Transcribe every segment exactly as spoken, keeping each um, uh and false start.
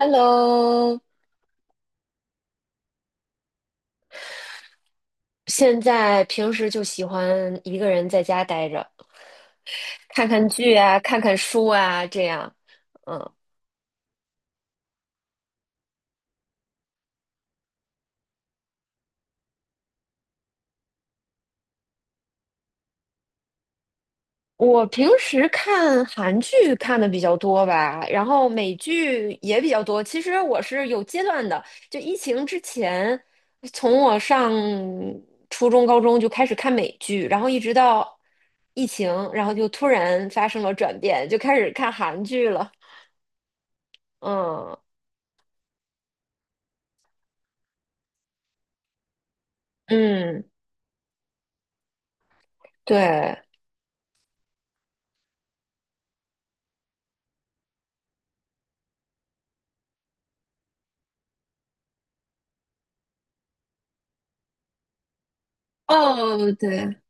Hello，现在平时就喜欢一个人在家待着，看看剧啊，看看书啊，这样。嗯，我平时看韩剧看的比较多吧，然后美剧也比较多。其实我是有阶段的，就疫情之前，从我上初中、高中就开始看美剧，然后一直到疫情，然后就突然发生了转变，就开始看韩剧了。嗯嗯，对。哦，对，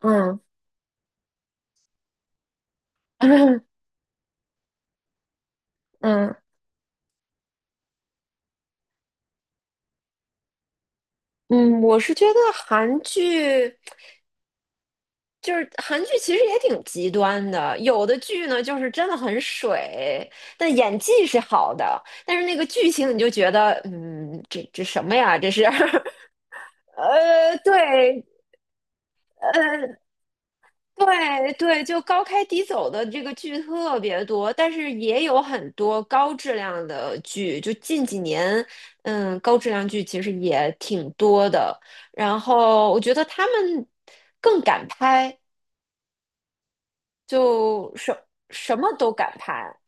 嗯 嗯嗯，我是觉得韩剧就是韩剧，其实也挺极端的。有的剧呢，就是真的很水，但演技是好的，但是那个剧情你就觉得，嗯，这这什么呀？这是，呃，对，呃。对对，就高开低走的这个剧特别多，但是也有很多高质量的剧。就近几年，嗯，高质量剧其实也挺多的。然后我觉得他们更敢拍，就什什么都敢拍。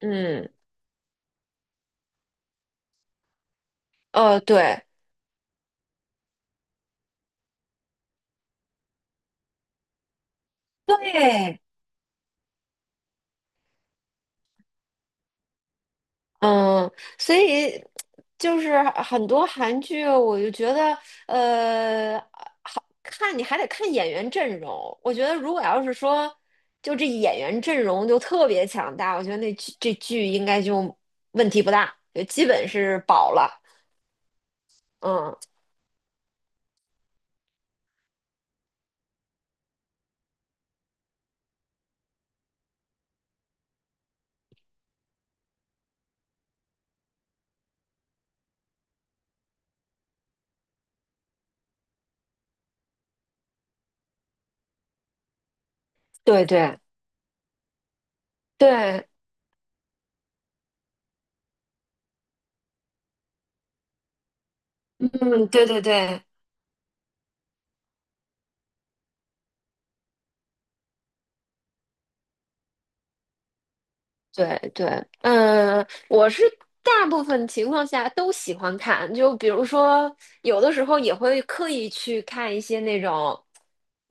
嗯，呃，对对。嗯，所以就是很多韩剧，我就觉得，呃，好看你还得看演员阵容。我觉得如果要是说，就这演员阵容就特别强大，我觉得那剧这剧应该就问题不大，就基本是保了。嗯，对对对，嗯，对对对，对对，嗯，我是大部分情况下都喜欢看，就比如说有的时候也会刻意去看一些那种，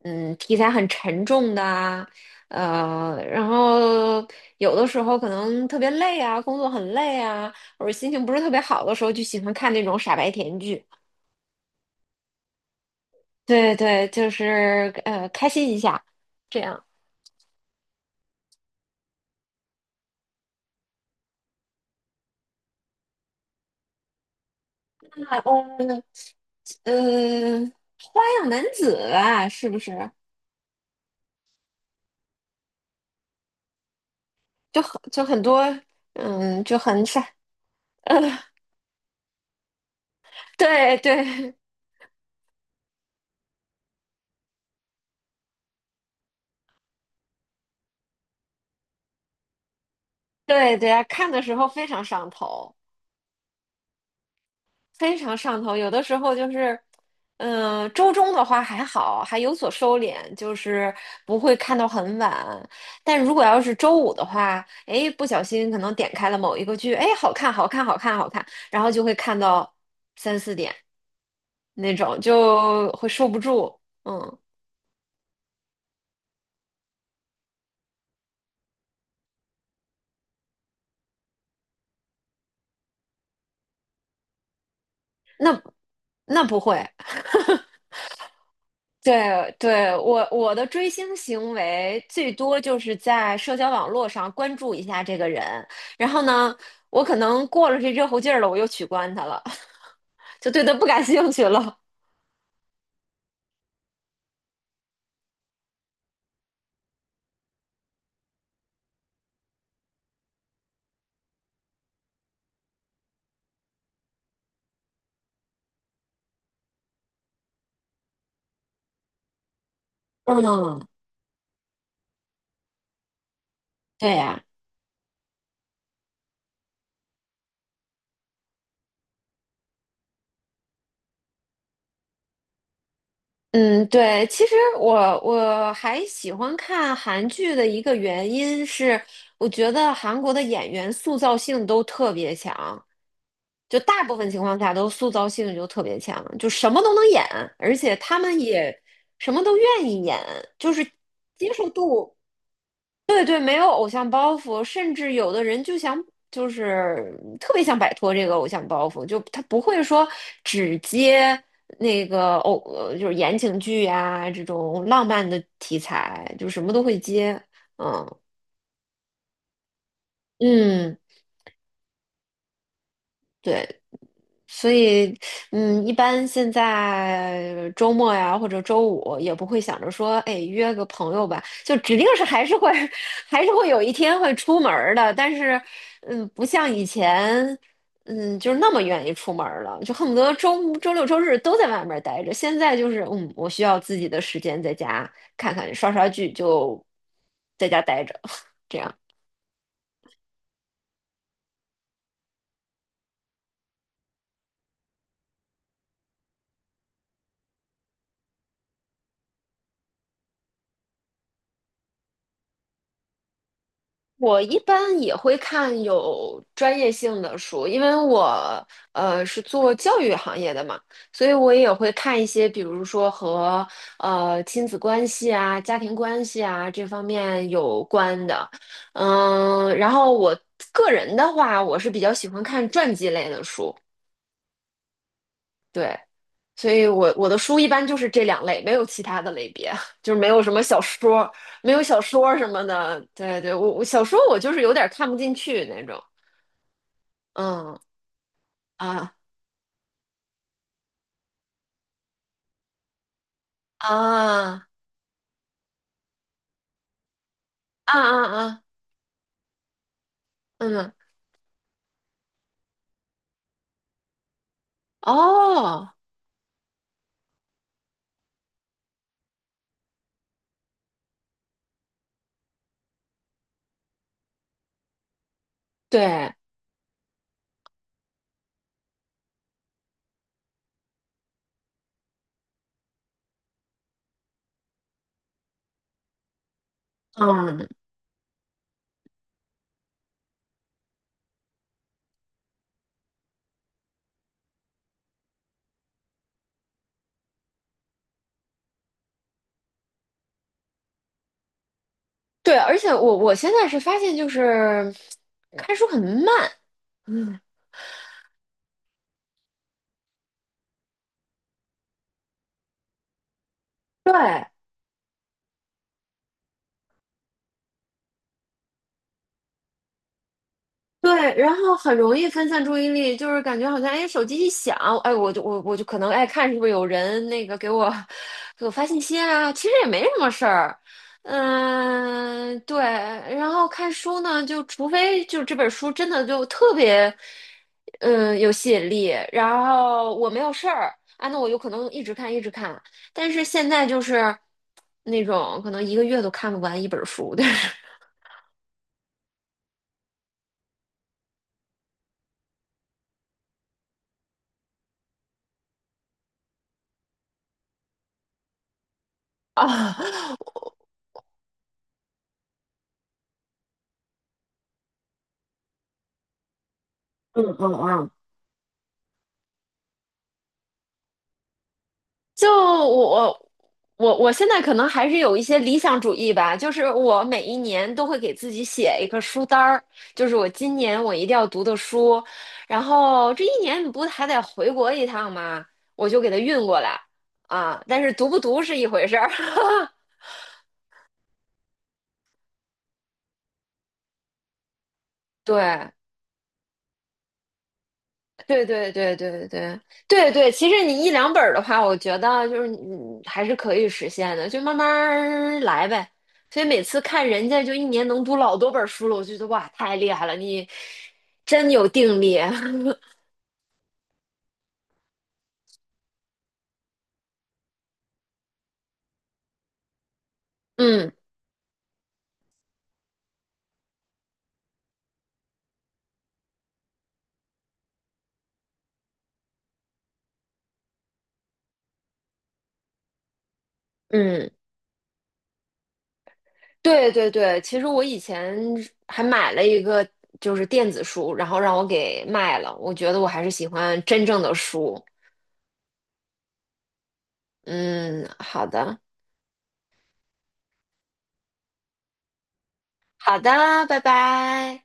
嗯，题材很沉重的啊，呃，然后有的时候可能特别累啊，工作很累啊，或者心情不是特别好的时候，就喜欢看那种傻白甜剧。对对，就是呃，开心一下，这样。那嗯，呃，花样男子啊是不是？就很就很多，嗯，就很闪，呃，对对对对啊，看的时候非常上头，非常上头。有的时候就是，嗯，周中的话还好，还有所收敛，就是不会看到很晚。但如果要是周五的话，哎，不小心可能点开了某一个剧，哎，好看，好看，好看，好看，然后就会看到三四点那种，就会受不住。嗯，那那不会。对对，我我的追星行为最多就是在社交网络上关注一下这个人，然后呢，我可能过了这热乎劲儿了，我又取关他了，就对他不感兴趣了。嗯，对呀。嗯，对，其实我我还喜欢看韩剧的一个原因是，我觉得韩国的演员塑造性都特别强，就大部分情况下都塑造性就特别强，就什么都能演，而且他们也什么都愿意演，就是接受度。对对，没有偶像包袱，甚至有的人就想，就是特别想摆脱这个偶像包袱，就他不会说只接那个偶，呃就是言情剧呀、这种浪漫的题材，就什么都会接。嗯嗯，对。所以，嗯，一般现在周末呀，或者周五也不会想着说，哎，约个朋友吧，就指定是还是会，还是会有一天会出门儿的。但是，嗯，不像以前，嗯，就是那么愿意出门儿了，就恨不得周周六周日都在外面儿待着。现在就是，嗯，我需要自己的时间在家看看刷刷剧，就在家待着，这样。我一般也会看有专业性的书，因为我呃是做教育行业的嘛，所以我也会看一些，比如说和呃亲子关系啊、家庭关系啊这方面有关的。嗯，然后我个人的话，我是比较喜欢看传记类的书，对，所以我我的书一般就是这两类，没有其他的类别，就是没有什么小说。没有小说什么的，对对，我我小说我就是有点看不进去那种。嗯啊啊啊啊啊，嗯，哦，对，嗯，对，而且我我现在是发现就是看书很慢，嗯，对，对，然后很容易分散注意力，就是感觉好像哎，手机一响，哎，我就我我就可能爱看是不是有人那个给我给我发信息啊，其实也没什么事儿，嗯，对。然后看书呢，就除非就这本书真的就特别，嗯，有吸引力，然后我没有事儿啊，那我有可能一直看一直看。但是现在就是那种可能一个月都看不完一本书，就是 啊，嗯嗯嗯。就我我我现在可能还是有一些理想主义吧，就是我每一年都会给自己写一个书单儿，就是我今年我一定要读的书，然后这一年你不还得回国一趟吗？我就给它运过来啊，但是读不读是一回事儿，对。对对对对对对对，其实你一两本儿的话，我觉得就是你还是可以实现的，就慢慢儿来呗。所以每次看人家就一年能读老多本儿书了，我就觉得哇，太厉害了，你真有定力。嗯嗯，对对对，其实我以前还买了一个就是电子书，然后让我给卖了。我觉得我还是喜欢真正的书。嗯，好的好的，拜拜。